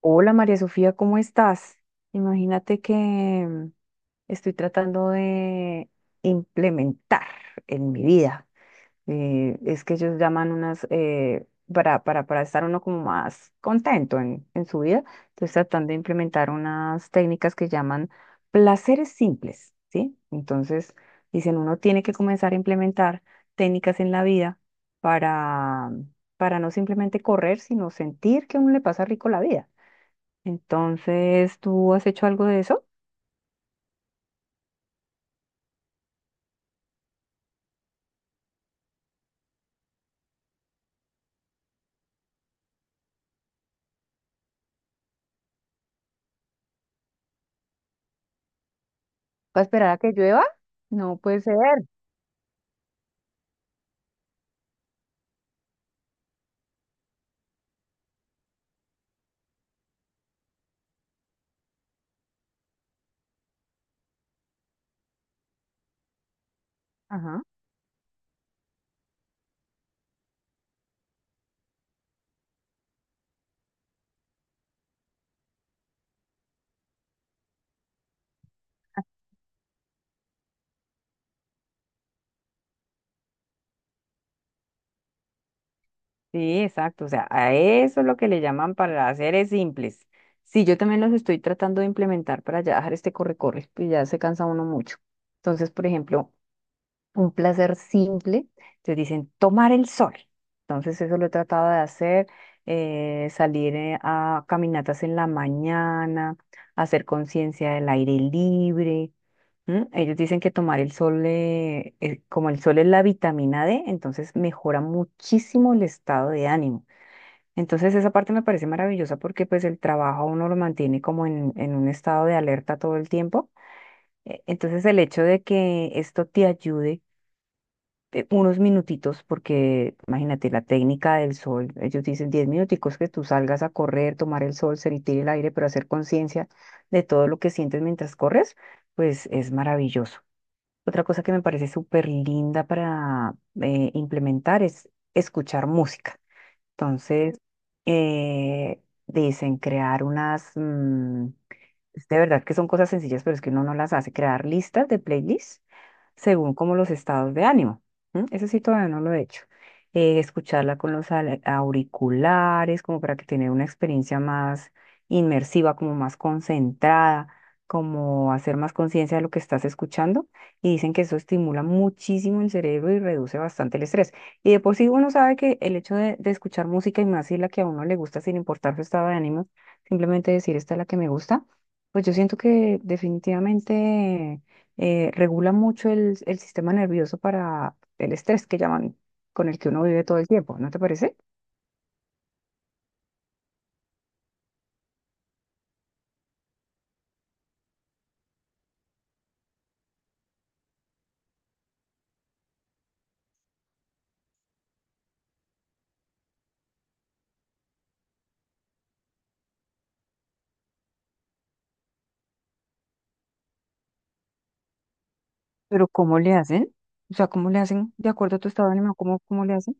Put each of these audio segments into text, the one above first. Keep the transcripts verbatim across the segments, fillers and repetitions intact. Hola María Sofía, ¿cómo estás? Imagínate que mm, estoy tratando de implementar en mi vida. Eh, es que ellos llaman unas, eh, para, para, para estar uno como más contento en, en su vida, estoy tratando de implementar unas técnicas que llaman placeres simples, ¿sí? Entonces, dicen, uno tiene que comenzar a implementar técnicas en la vida para, para no simplemente correr, sino sentir que a uno le pasa rico la vida. Entonces, ¿tú has hecho algo de eso? ¿Para esperar a que llueva? No puede ser. Ajá. Sí, exacto. O sea, a eso es lo que le llaman para seres simples. Sí, yo también los estoy tratando de implementar para ya dejar este corre-corre, pues ya se cansa uno mucho. Entonces, por ejemplo, un placer simple, te dicen tomar el sol. Entonces, eso lo he tratado de hacer, eh, salir eh, a caminatas en la mañana, hacer conciencia del aire libre. ¿Mm? Ellos dicen que tomar el sol, eh, eh, como el sol es la vitamina D, entonces mejora muchísimo el estado de ánimo. Entonces esa parte me parece maravillosa porque pues el trabajo a uno lo mantiene como en, en un estado de alerta todo el tiempo. Eh, Entonces el hecho de que esto te ayude eh, unos minutitos, porque imagínate la técnica del sol, ellos dicen diez minuticos que tú salgas a correr, tomar el sol, sentir el aire, pero hacer conciencia de todo lo que sientes mientras corres, pues es maravilloso. Otra cosa que me parece súper linda para eh, implementar es escuchar música. Entonces, eh, dicen crear unas, mm, es de verdad que son cosas sencillas, pero es que uno no las hace. Crear listas de playlists según como los estados de ánimo. ¿M? Eso sí todavía no lo he hecho. Eh, escucharla con los ale- auriculares, como para que tener una experiencia más inmersiva, como más concentrada, como hacer más conciencia de lo que estás escuchando. Y dicen que eso estimula muchísimo el cerebro y reduce bastante el estrés. Y de por sí uno sabe que el hecho de, de escuchar música y más si la que a uno le gusta, sin importar su estado de ánimo, simplemente decir esta es la que me gusta, pues yo siento que definitivamente eh, regula mucho el, el sistema nervioso para el estrés que llaman, con el que uno vive todo el tiempo, ¿no te parece? Pero ¿cómo le hacen? O sea, ¿cómo le hacen de acuerdo a tu estado de ánimo? ¿Cómo, cómo le hacen?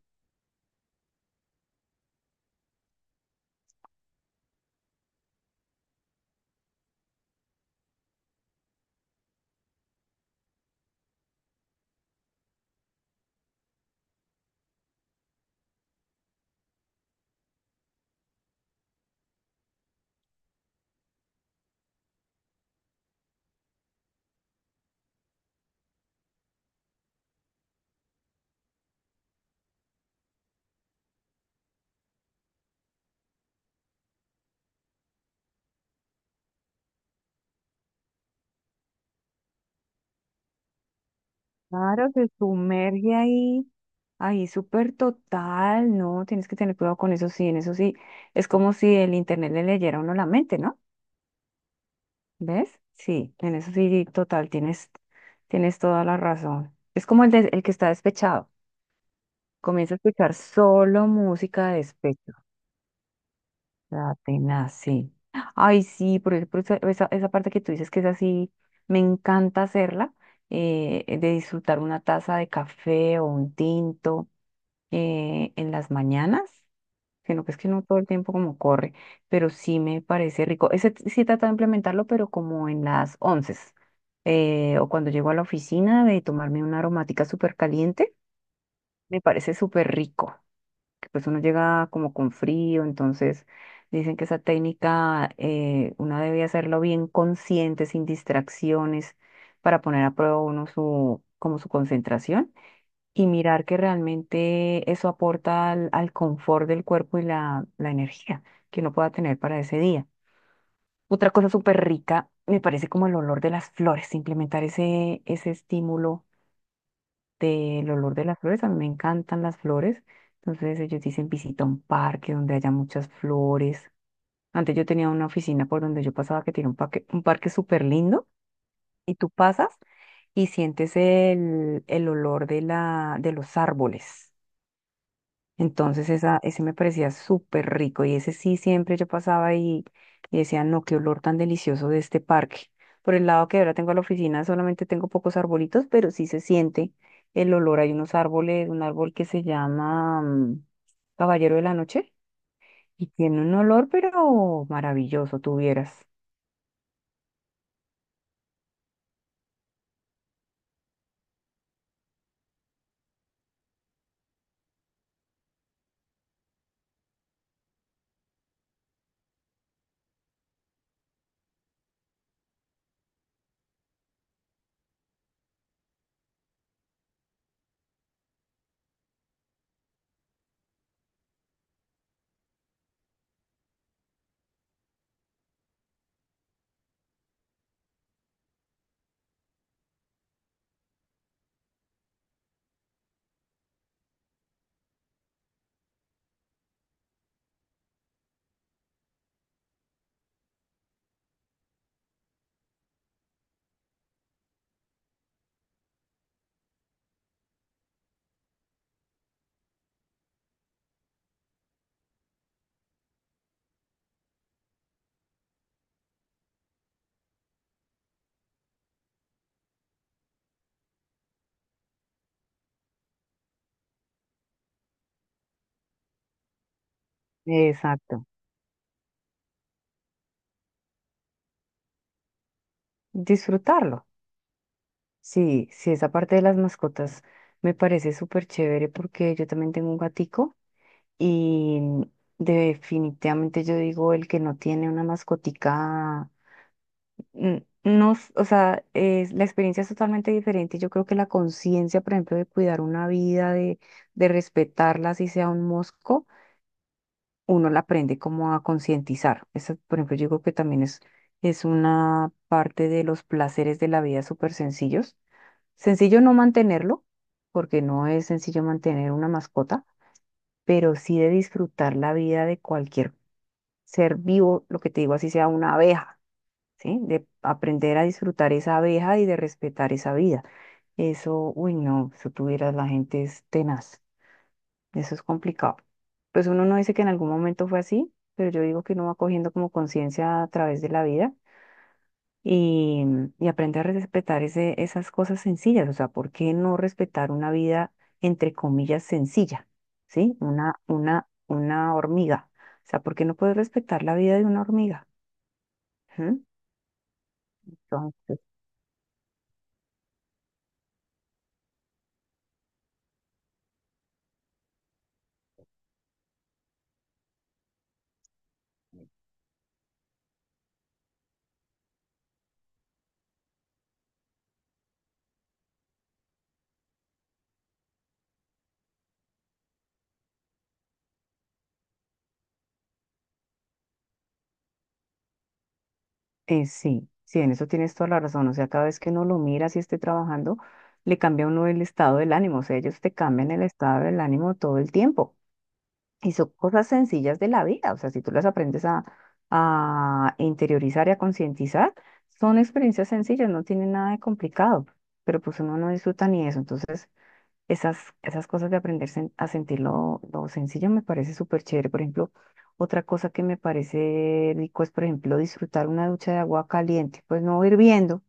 Claro, se sumerge ahí, ahí súper total, ¿no? Tienes que tener cuidado con eso, sí, en eso sí. Es como si el internet le leyera a uno la mente, ¿no? ¿Ves? Sí, en eso sí, total, tienes, tienes toda la razón. Es como el, de- el que está despechado. Comienza a escuchar solo música de despecho. La tenaz, sí. Ay, sí, por, eso- por eso- esa, esa parte que tú dices que es así, me encanta hacerla, eh, eh, de disfrutar una taza de café o un tinto eh, en las mañanas, sino que es que no todo el tiempo como corre, pero sí me parece rico. Ese t- sí he tratado de implementarlo, pero como en las once o cuando llego a la oficina de tomarme una aromática súper caliente, me parece súper rico. Pues uno llega como con frío, entonces dicen que esa técnica eh, uno debe hacerlo bien consciente, sin distracciones, para poner a prueba uno su, como su concentración y mirar que realmente eso aporta al, al confort del cuerpo y la, la energía que uno pueda tener para ese día. Otra cosa súper rica, me parece como el olor de las flores, implementar ese, ese estímulo del olor de las flores. A mí me encantan las flores. Entonces ellos dicen visita un parque donde haya muchas flores. Antes yo tenía una oficina por donde yo pasaba que tiene un parque, un parque súper lindo, y tú pasas y sientes el, el olor de la, de los árboles. Entonces esa, ese me parecía súper rico, y ese sí siempre yo pasaba y, y decía, no, qué olor tan delicioso de este parque. Por el lado que ahora tengo a la oficina solamente tengo pocos arbolitos, pero sí se siente el olor. Hay unos árboles, un árbol que se llama mm, Caballero de la Noche, y tiene un olor, pero maravilloso, tuvieras. Exacto. Disfrutarlo. Sí, sí, esa parte de las mascotas me parece súper chévere porque yo también tengo un gatico. Y definitivamente yo digo, el que no tiene una mascotica, n- no, s- o sea, es, la experiencia es totalmente diferente. Yo creo que la conciencia, por ejemplo, de cuidar una vida, de, de respetarla, si sea un mosco, uno la aprende como a concientizar. Eso, por ejemplo, yo digo que también es, es una parte de los placeres de la vida súper sencillos. Sencillo no mantenerlo, porque no es sencillo mantener una mascota, pero sí de disfrutar la vida de cualquier ser vivo, lo que te digo, así sea una abeja, ¿sí? De aprender a disfrutar esa abeja y de respetar esa vida. Eso, uy, no, si tuvieras la gente es tenaz, eso es complicado. Pues uno no dice que en algún momento fue así, pero yo digo que uno va cogiendo como conciencia a través de la vida y, y aprende a respetar ese, esas cosas sencillas, o sea, ¿por qué no respetar una vida entre comillas sencilla? ¿Sí? Una, una, una hormiga. O sea, ¿por qué no puedes respetar la vida de una hormiga? Ujú. Entonces, eh, sí, sí, en eso tienes toda la razón. O sea, cada vez que uno lo mira, si esté trabajando, le cambia a uno el estado del ánimo. O sea, ellos te cambian el estado del ánimo todo el tiempo. Y son cosas sencillas de la vida. O sea, si tú las aprendes a, a interiorizar y a concientizar, son experiencias sencillas, no tienen nada de complicado. Pero pues uno no disfruta ni eso. Entonces, Esas, esas cosas de aprender sen- a sentir lo, lo sencillo me parece súper chévere. Por ejemplo, otra cosa que me parece rico es, por ejemplo, disfrutar una ducha de agua caliente. Pues no hirviendo,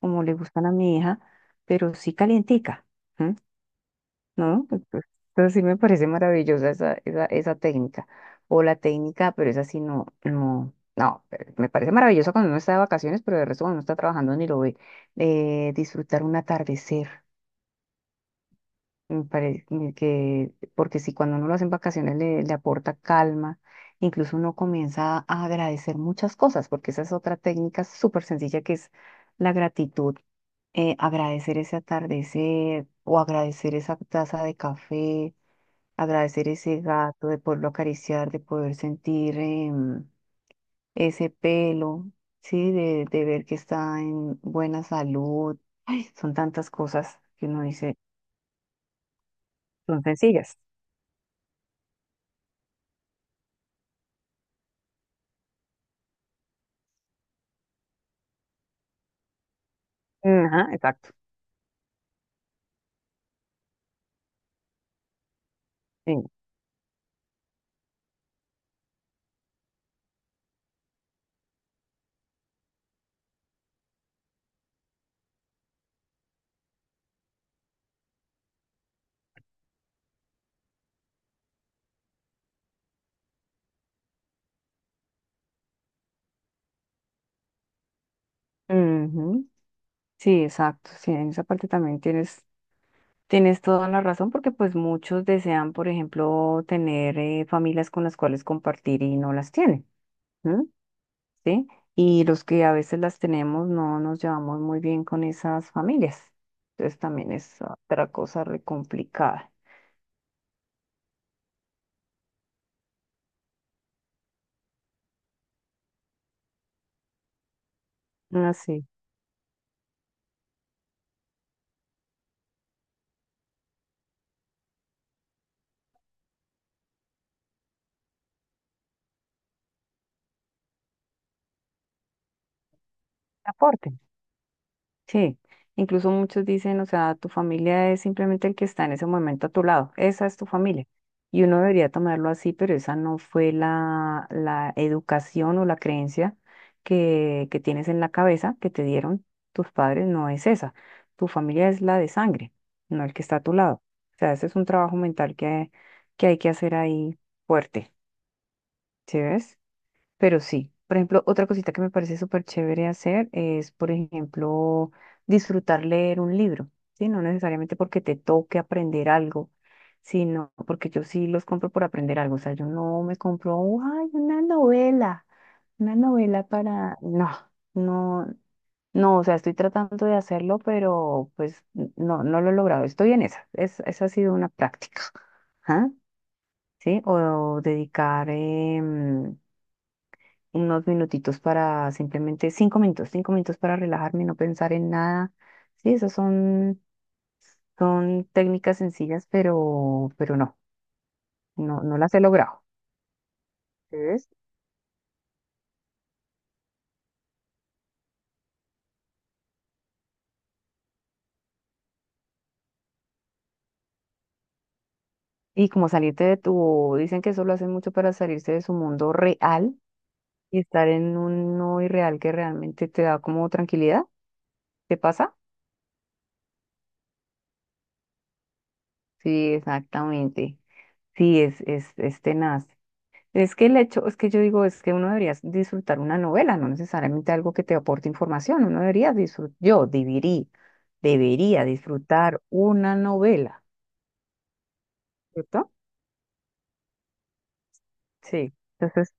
como le gustan a mi hija, pero sí calientica, ¿m? ¿No? Entonces, entonces sí me parece maravillosa esa, esa, esa técnica. O la técnica, pero esa sí no, no, no. Pero me parece maravillosa cuando uno está de vacaciones, pero de resto cuando uno está trabajando ni lo ve. Eh, disfrutar un atardecer. Me parece que, porque si cuando uno lo hace en vacaciones le, le aporta calma, incluso uno comienza a agradecer muchas cosas, porque esa es otra técnica súper sencilla que es la gratitud. Eh, agradecer ese atardecer o agradecer esa taza de café, agradecer ese gato, de poderlo acariciar, de poder sentir em, ese pelo, ¿sí? De, de ver que está en buena salud. Ay, son tantas cosas que uno dice, son sencillas. Ajá, exacto. Sí, ujú, sí, exacto. Sí, en esa parte también tienes, tienes toda la razón, porque pues muchos desean, por ejemplo, tener eh, familias con las cuales compartir y no las tienen, ¿m? ¿Sí? Y los que a veces las tenemos no nos llevamos muy bien con esas familias. Entonces también es otra cosa re complicada. Así, aporte. Sí, incluso muchos dicen, o sea, tu familia es simplemente el que está en ese momento a tu lado, esa es tu familia. Y uno debería tomarlo así, pero esa no fue la, la educación o la creencia que, que tienes en la cabeza, que te dieron tus padres, no es esa. Tu familia es la de sangre, no el que está a tu lado. O sea, ese es un trabajo mental que, que hay que hacer ahí fuerte, ¿sí ves? Pero sí, por ejemplo, otra cosita que me parece súper chévere hacer es, por ejemplo, disfrutar leer un libro, ¿sí? No necesariamente porque te toque aprender algo, sino porque yo sí los compro por aprender algo. O sea, yo no me compro, ay, una novela, una novela para. No, no, no, o sea, estoy tratando de hacerlo, pero pues n- no, no lo he logrado. Estoy en esa, es, esa ha sido una práctica, ¿ah? ¿Sí? O dedicar, em, unos minutitos para simplemente cinco minutos, cinco minutos para relajarme, no pensar en nada. Sí, esas son, son técnicas sencillas, pero, pero no, no, no las he logrado. ¿Ves? Y como salirte de tu, dicen que eso lo hacen mucho para salirse de su mundo real y estar en un no irreal que realmente te da como tranquilidad. ¿Te pasa? Sí, exactamente. Sí, es, es, es tenaz. Es que el hecho, es que yo digo, es que uno debería disfrutar una novela, no necesariamente algo que te aporte información, uno debería disfrutar, yo debería, debería disfrutar una novela, ¿cierto? Sí. Entonces,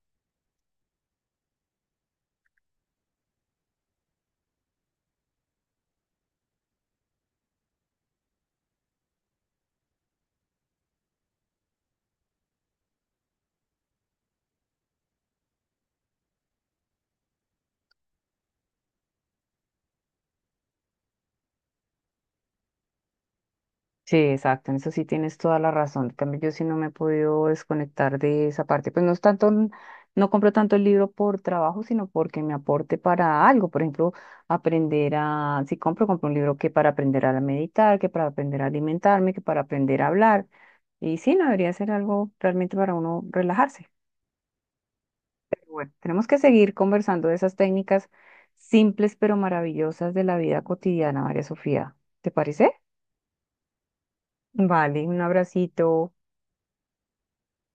sí, exacto, en eso sí tienes toda la razón. En cambio, yo sí no me he podido desconectar de esa parte. Pues no es tanto, un- no compro tanto el libro por trabajo, sino porque me aporte para algo. Por ejemplo, aprender a, si compro, compro un libro que para aprender a meditar, que para aprender a alimentarme, que para aprender a hablar. Y sí, no debería ser algo realmente para uno relajarse. Bueno, tenemos que seguir conversando de esas técnicas simples pero maravillosas de la vida cotidiana, María Sofía. ¿Te parece? Vale, un abracito.